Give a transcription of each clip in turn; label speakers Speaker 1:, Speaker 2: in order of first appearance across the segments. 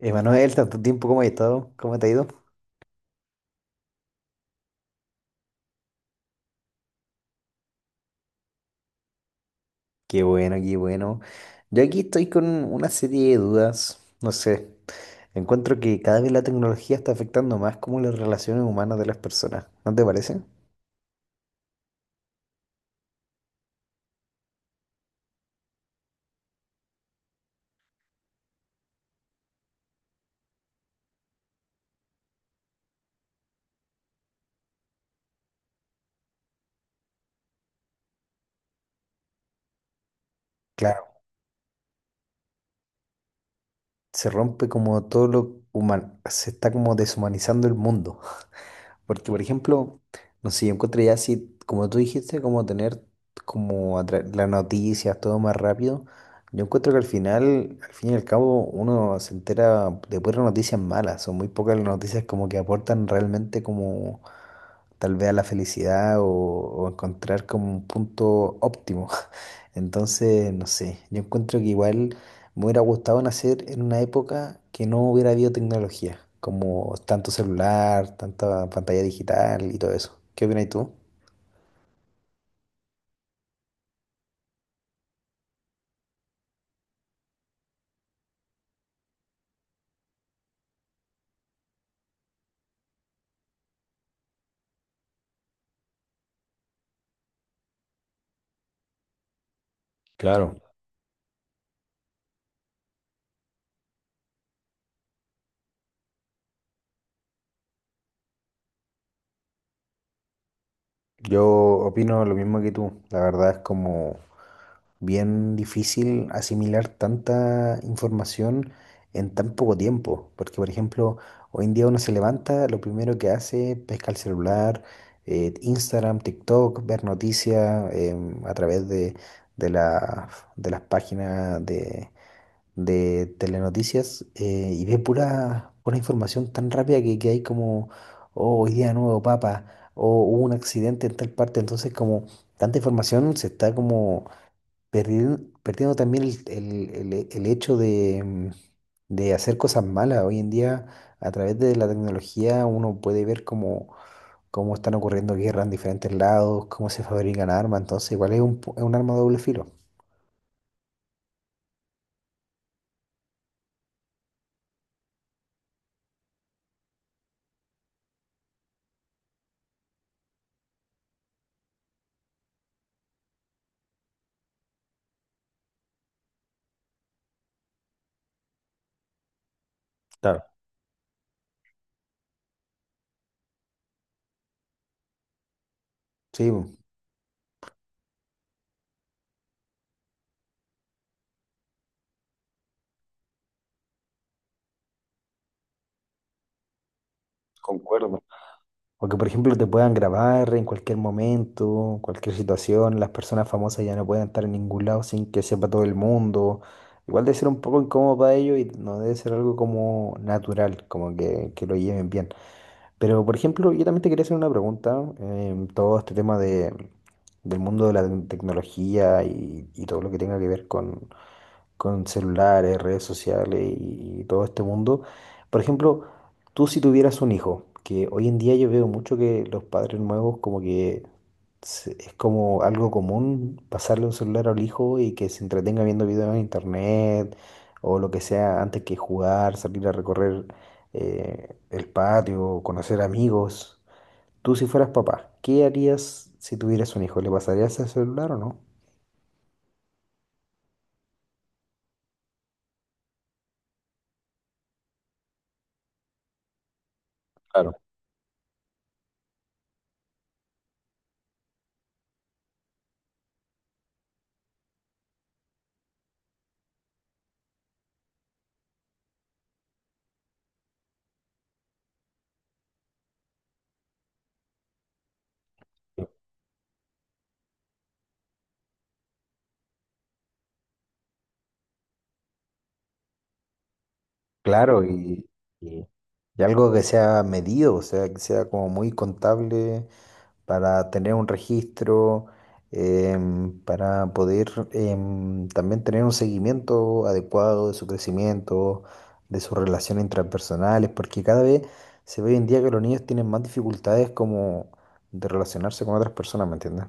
Speaker 1: Emanuel, tanto tiempo, ¿cómo has estado? ¿Cómo te ha ido? Qué bueno, qué bueno. Yo aquí estoy con una serie de dudas, no sé. Encuentro que cada vez la tecnología está afectando más como las relaciones humanas de las personas, ¿no te parece? Claro, se rompe como todo lo humano, se está como deshumanizando el mundo. Porque, por ejemplo, no sé, yo encontré ya así, como tú dijiste, como tener las noticias, todo más rápido. Yo encuentro que al final, al fin y al cabo, uno se entera de puras noticias malas. Son muy pocas las noticias como que aportan realmente como tal vez a la felicidad o encontrar como un punto óptimo. Entonces, no sé, yo encuentro que igual me hubiera gustado nacer en una época que no hubiera habido tecnología, como tanto celular, tanta pantalla digital y todo eso. ¿Qué opinas tú? Claro, yo opino lo mismo que tú. La verdad es como bien difícil asimilar tanta información en tan poco tiempo, porque por ejemplo, hoy en día uno se levanta, lo primero que hace, es pesca el celular, Instagram, TikTok, ver noticias a través de, la- de las páginas de telenoticias, y ve pura información tan rápida que hay como, oh, hoy día nuevo papa, o hubo un accidente en tal parte, entonces como tanta información se está como perdiendo también el hecho de, de hacer cosas malas. Hoy en día, a través de la tecnología, uno puede ver cómo, cómo están ocurriendo guerras en diferentes lados, cómo se fabrican armas. Entonces, igual es un, es un arma de doble filo. Claro. Sí, concuerdo. O que, por ejemplo, te puedan grabar en cualquier momento, cualquier situación. Las personas famosas ya no pueden estar en ningún lado sin que sepa todo el mundo. Igual debe ser un poco incómodo para ellos y no debe ser algo como natural, como que lo lleven bien. Pero, por ejemplo, yo también te quería hacer una pregunta. Todo este tema de, del mundo de la tecnología y todo lo que tenga que ver con celulares, redes sociales y todo este mundo. Por ejemplo, tú si tuvieras un hijo, que hoy en día yo veo mucho que los padres nuevos como que es como algo común pasarle un celular al hijo y que se entretenga viendo videos en internet o lo que sea antes que jugar, salir a recorrer, el patio, conocer amigos. Tú si fueras papá, ¿qué harías si tuvieras un hijo? ¿Le pasarías el celular o no? Claro. Claro, y- y algo que sea medido, o sea, que sea como muy contable para tener un registro, para poder, también tener un seguimiento adecuado de su crecimiento, de sus relaciones intrapersonales, porque cada vez se ve hoy en día que los niños tienen más dificultades como de relacionarse con otras personas, ¿me entiendes?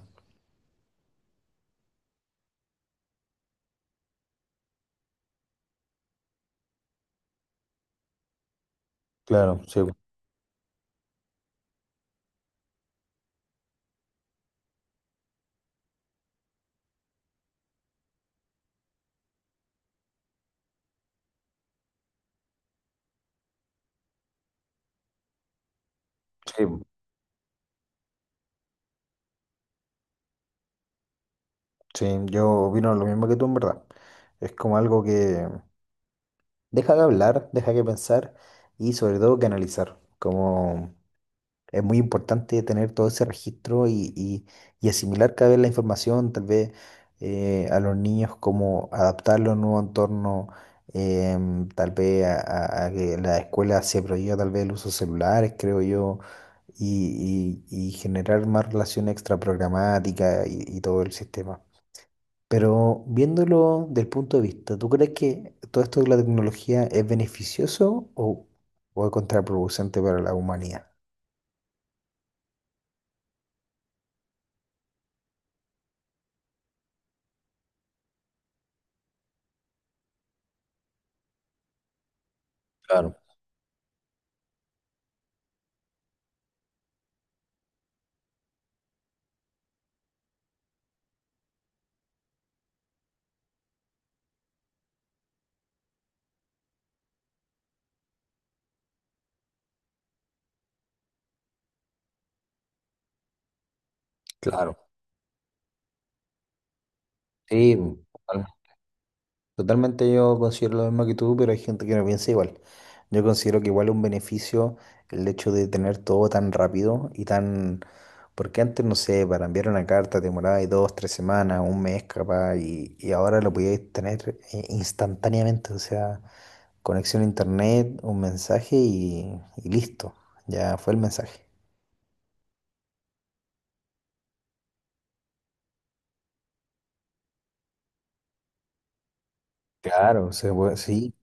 Speaker 1: Claro, sí, sí, sí, yo opino lo mismo que tú en verdad. Es como algo que deja de hablar, deja que pensar y sobre todo que analizar. Como es muy importante tener todo ese registro y asimilar cada vez la información, tal vez, a los niños como adaptarlo a un nuevo entorno, tal vez a que la escuela se prohíba tal vez el uso de celulares, creo yo, y generar más relación extraprogramática y todo el sistema. Pero viéndolo del punto de vista, ¿tú crees que todo esto de la tecnología es beneficioso o es contraproducente para la humanidad? Claro, claro. Sí, total- totalmente yo considero lo mismo que tú, pero hay gente que no piensa igual. Yo considero que igual es un beneficio el hecho de tener todo tan rápido y tan... Porque antes, no sé, para enviar una carta te demoraba dos, tres semanas, un mes capaz, y ahora lo podías tener, instantáneamente. O sea, conexión a internet, un mensaje y listo. Ya fue el mensaje. Claro, sí.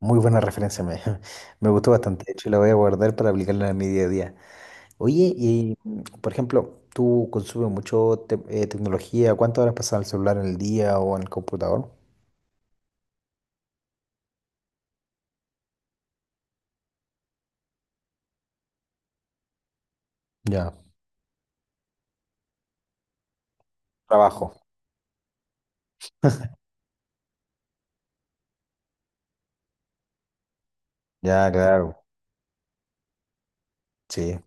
Speaker 1: Muy buena referencia, me gustó bastante. De hecho, la voy a guardar para aplicarla en mi día a día. Oye, y por ejemplo, ¿tú consumes mucho tecnología? ¿Cuántas horas pasas al celular en el día o en el computador? Ya. Trabajo. Ya, claro. Sí.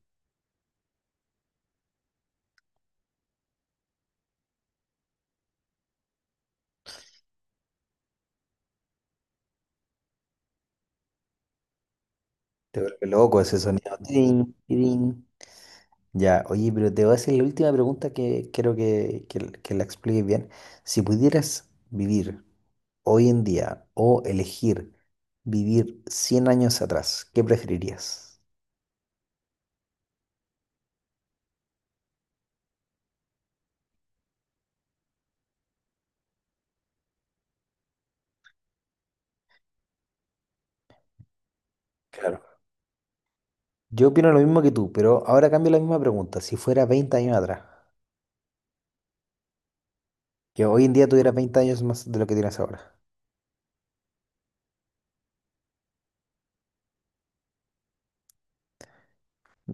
Speaker 1: Te vuelve loco ese sonido. Tirín, tirín. Ya, oye, pero te voy a hacer la última pregunta que quiero que, que la expliques bien. Si pudieras vivir hoy en día o elegir vivir 100 años atrás, ¿qué preferirías? Claro. Yo opino lo mismo que tú, pero ahora cambio la misma pregunta. Si fuera 20 años atrás, que hoy en día tuvieras 20 años más de lo que tienes ahora.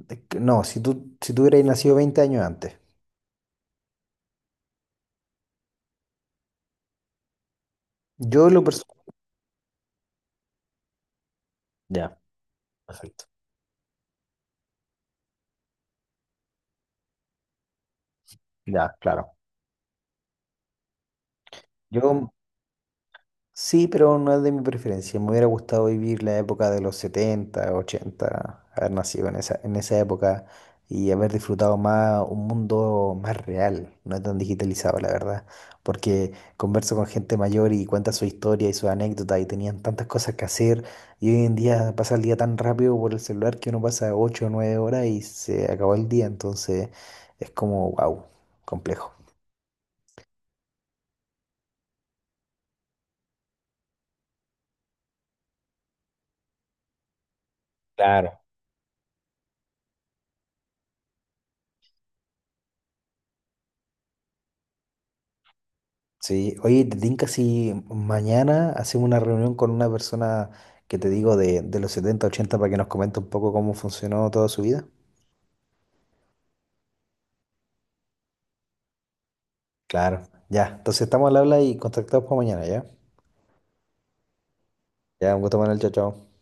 Speaker 1: No, si tú hubieras nacido 20 años antes. Yo lo personal. Ya, perfecto. Ya, claro. Yo, sí, pero no es de mi preferencia. Me hubiera gustado vivir la época de los 70, 80, haber nacido en esa época y haber disfrutado más un mundo más real, no tan digitalizado, la verdad. Porque converso con gente mayor y cuenta su historia y su anécdota y tenían tantas cosas que hacer, y hoy en día pasa el día tan rápido por el celular que uno pasa 8 o 9 horas y se acabó el día. Entonces es como, wow, complejo. Claro. Sí, oye, te tinca si mañana hacemos una reunión con una persona que te digo de los 70 80 para que nos comente un poco cómo funcionó toda su vida. Claro, ya. Entonces estamos al habla y contactados para mañana, ¿ya? Ya, un gusto, Manuel, chao, chao.